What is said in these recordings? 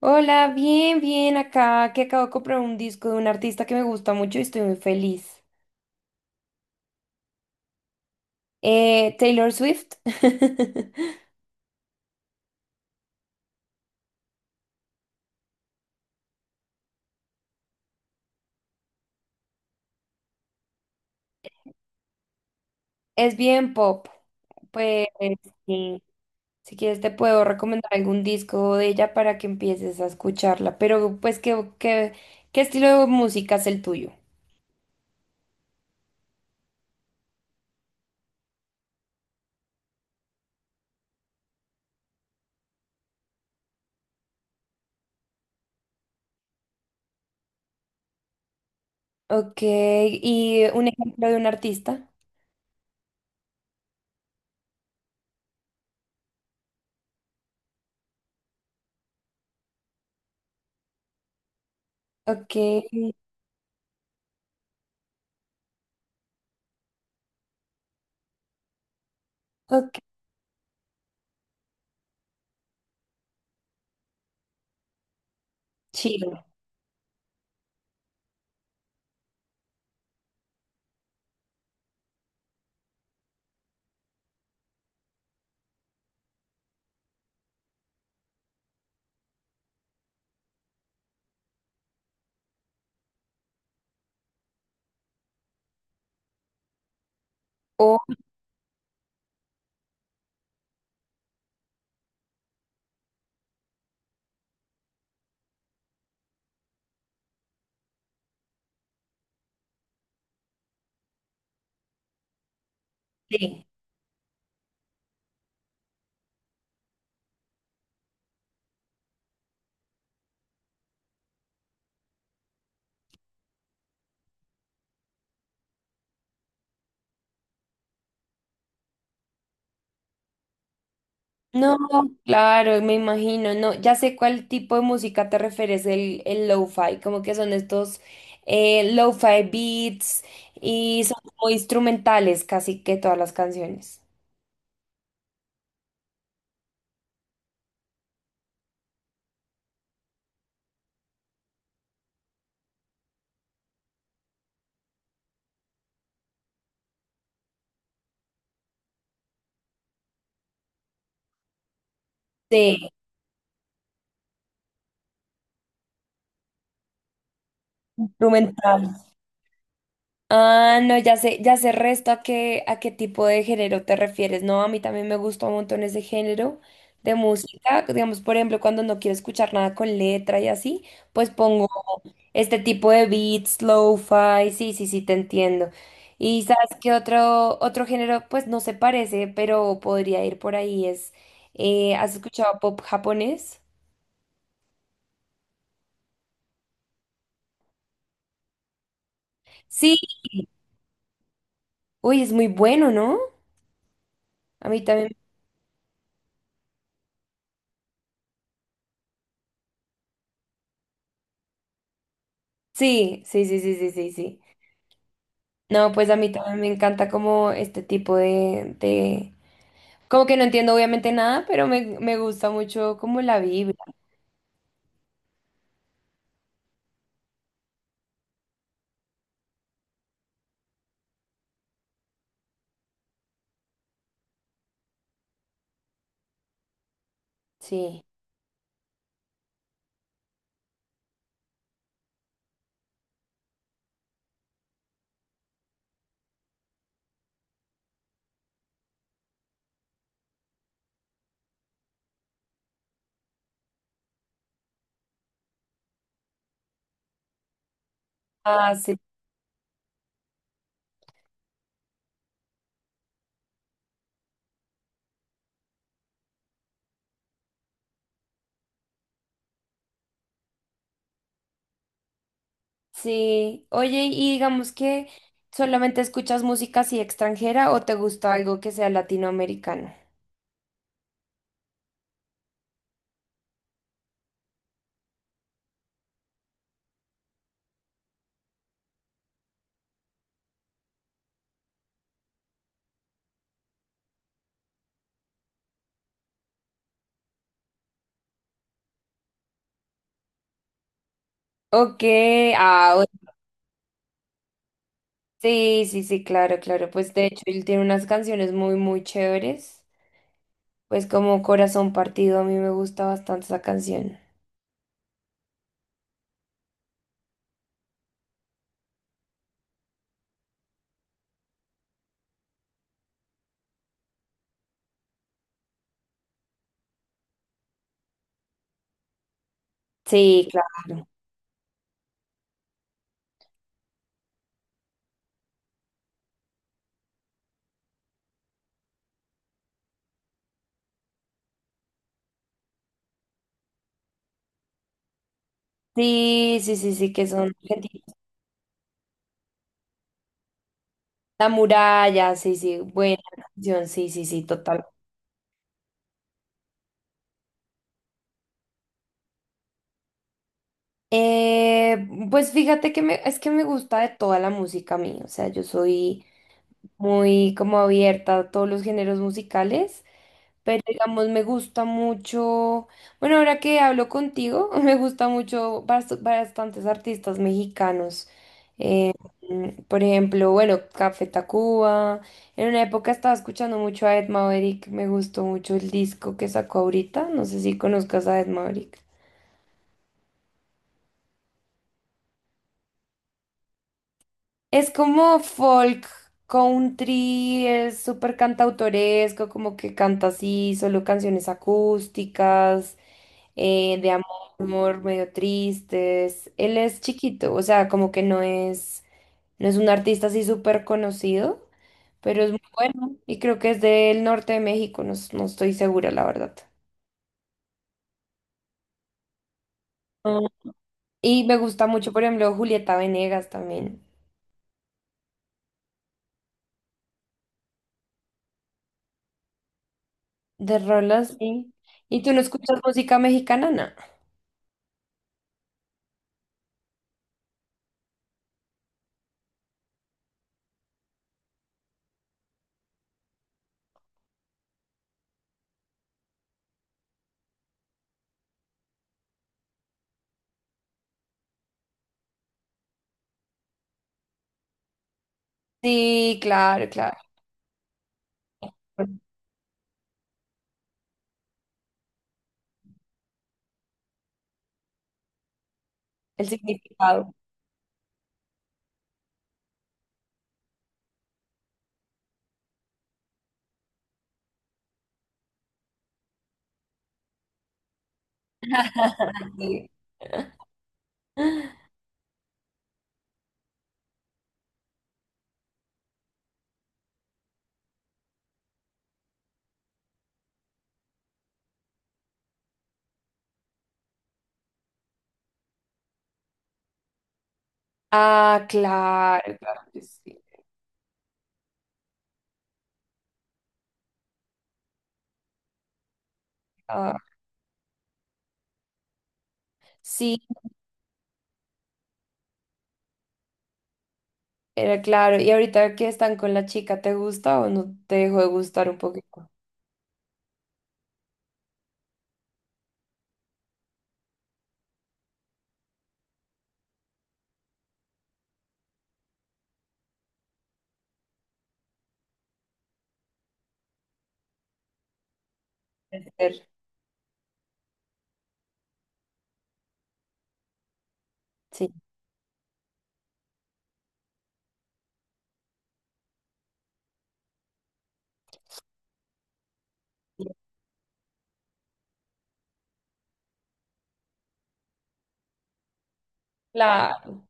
Hola, bien, bien, acá que acabo de comprar un disco de un artista que me gusta mucho y estoy muy feliz. Taylor Swift. Es bien pop. Pues sí, si quieres te puedo recomendar algún disco de ella para que empieces a escucharla. Pero pues, ¿ qué estilo de música es el tuyo? Ok, y un ejemplo de un artista. Ok, ok, chido. Ok. No, claro, me imagino, no, ya sé cuál tipo de música te refieres, el lo-fi, como que son estos lo-fi beats y son como instrumentales casi que todas las canciones. Sí, instrumental. Ah, no, ya sé resto a qué tipo de género te refieres, no, a mí también me gusta un montón ese género de música, digamos, por ejemplo, cuando no quiero escuchar nada con letra y así, pues pongo este tipo de beats, lo-fi, sí, sí, sí, te entiendo. Y sabes que otro, otro género, pues no se parece, pero podría ir por ahí, es, ¿has escuchado pop japonés? Sí, uy, es muy bueno, ¿no? A mí también. Sí, sí, sí, sí, sí, sí, sí. No, pues a mí también me encanta como este tipo de... Como que no entiendo obviamente nada, pero me gusta mucho como la vibra, sí. Ah, sí. Sí, oye, y digamos que solamente escuchas música así extranjera o te gusta algo que sea latinoamericano. Ok, ah, o- sí, sí, sí, claro, claro. Pues de hecho, él tiene unas canciones muy, muy chéveres. Pues como Corazón Partido, a mí me gusta bastante esa canción. Sí, claro. Sí, sí, sí, sí, que son argentinos. La muralla, sí, sí, buena canción, sí, sí, sí, total. Pues fíjate que me, es que me gusta de toda la música a mí, o sea, yo soy muy como abierta a todos los géneros musicales, pero digamos me gusta mucho, bueno, ahora que hablo contigo, me gusta mucho bastantes artistas mexicanos. Eh, por ejemplo, bueno, Café Tacuba. En una época estaba escuchando mucho a Ed Maverick, me gustó mucho el disco que sacó ahorita, no sé si conozcas a Ed Maverick. Es como folk country, es súper cantautoresco, como que canta así, solo canciones acústicas, de amor, medio tristes. Él es chiquito, o sea, como que no es, no es un artista así súper conocido, pero es muy bueno y creo que es del norte de México, no, no estoy segura, la verdad. Ah. Y me gusta mucho, por ejemplo, Julieta Venegas también, de rolas, sí. ¿Y tú no escuchas música mexicana, no? Sí, claro, claro. El significado. Sí. Ah, claro, claro que sí. Ah, sí, era claro. Y ahorita que están con la chica, ¿te gusta o no te dejó de gustar un poquito? Puede ser. Sí, claro.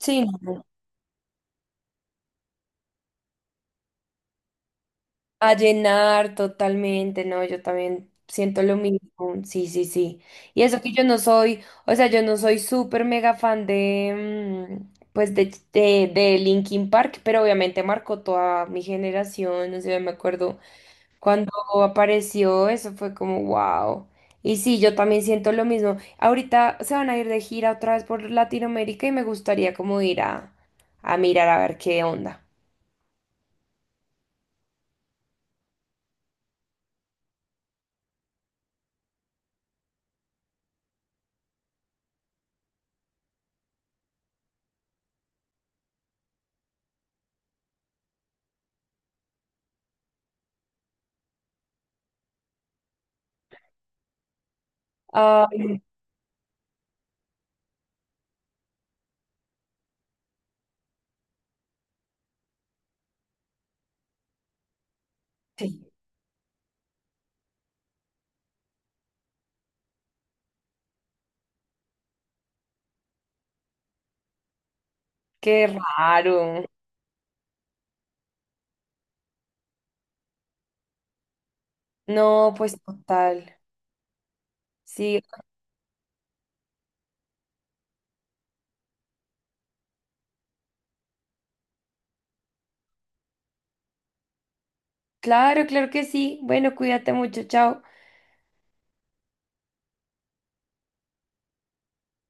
Sí, no. A llenar totalmente, no, yo también siento lo mismo, sí, sí, sí. Y eso que yo no soy, o sea, yo no soy súper mega fan de, de Linkin Park, pero obviamente marcó toda mi generación, no sé, me acuerdo cuando apareció, eso fue como, wow. Y sí, yo también siento lo mismo. Ahorita se van a ir de gira otra vez por Latinoamérica y me gustaría como ir a mirar a ver qué onda. Ay, sí, qué raro. No, pues total. Sí, claro, claro que sí. Bueno, cuídate mucho, chao.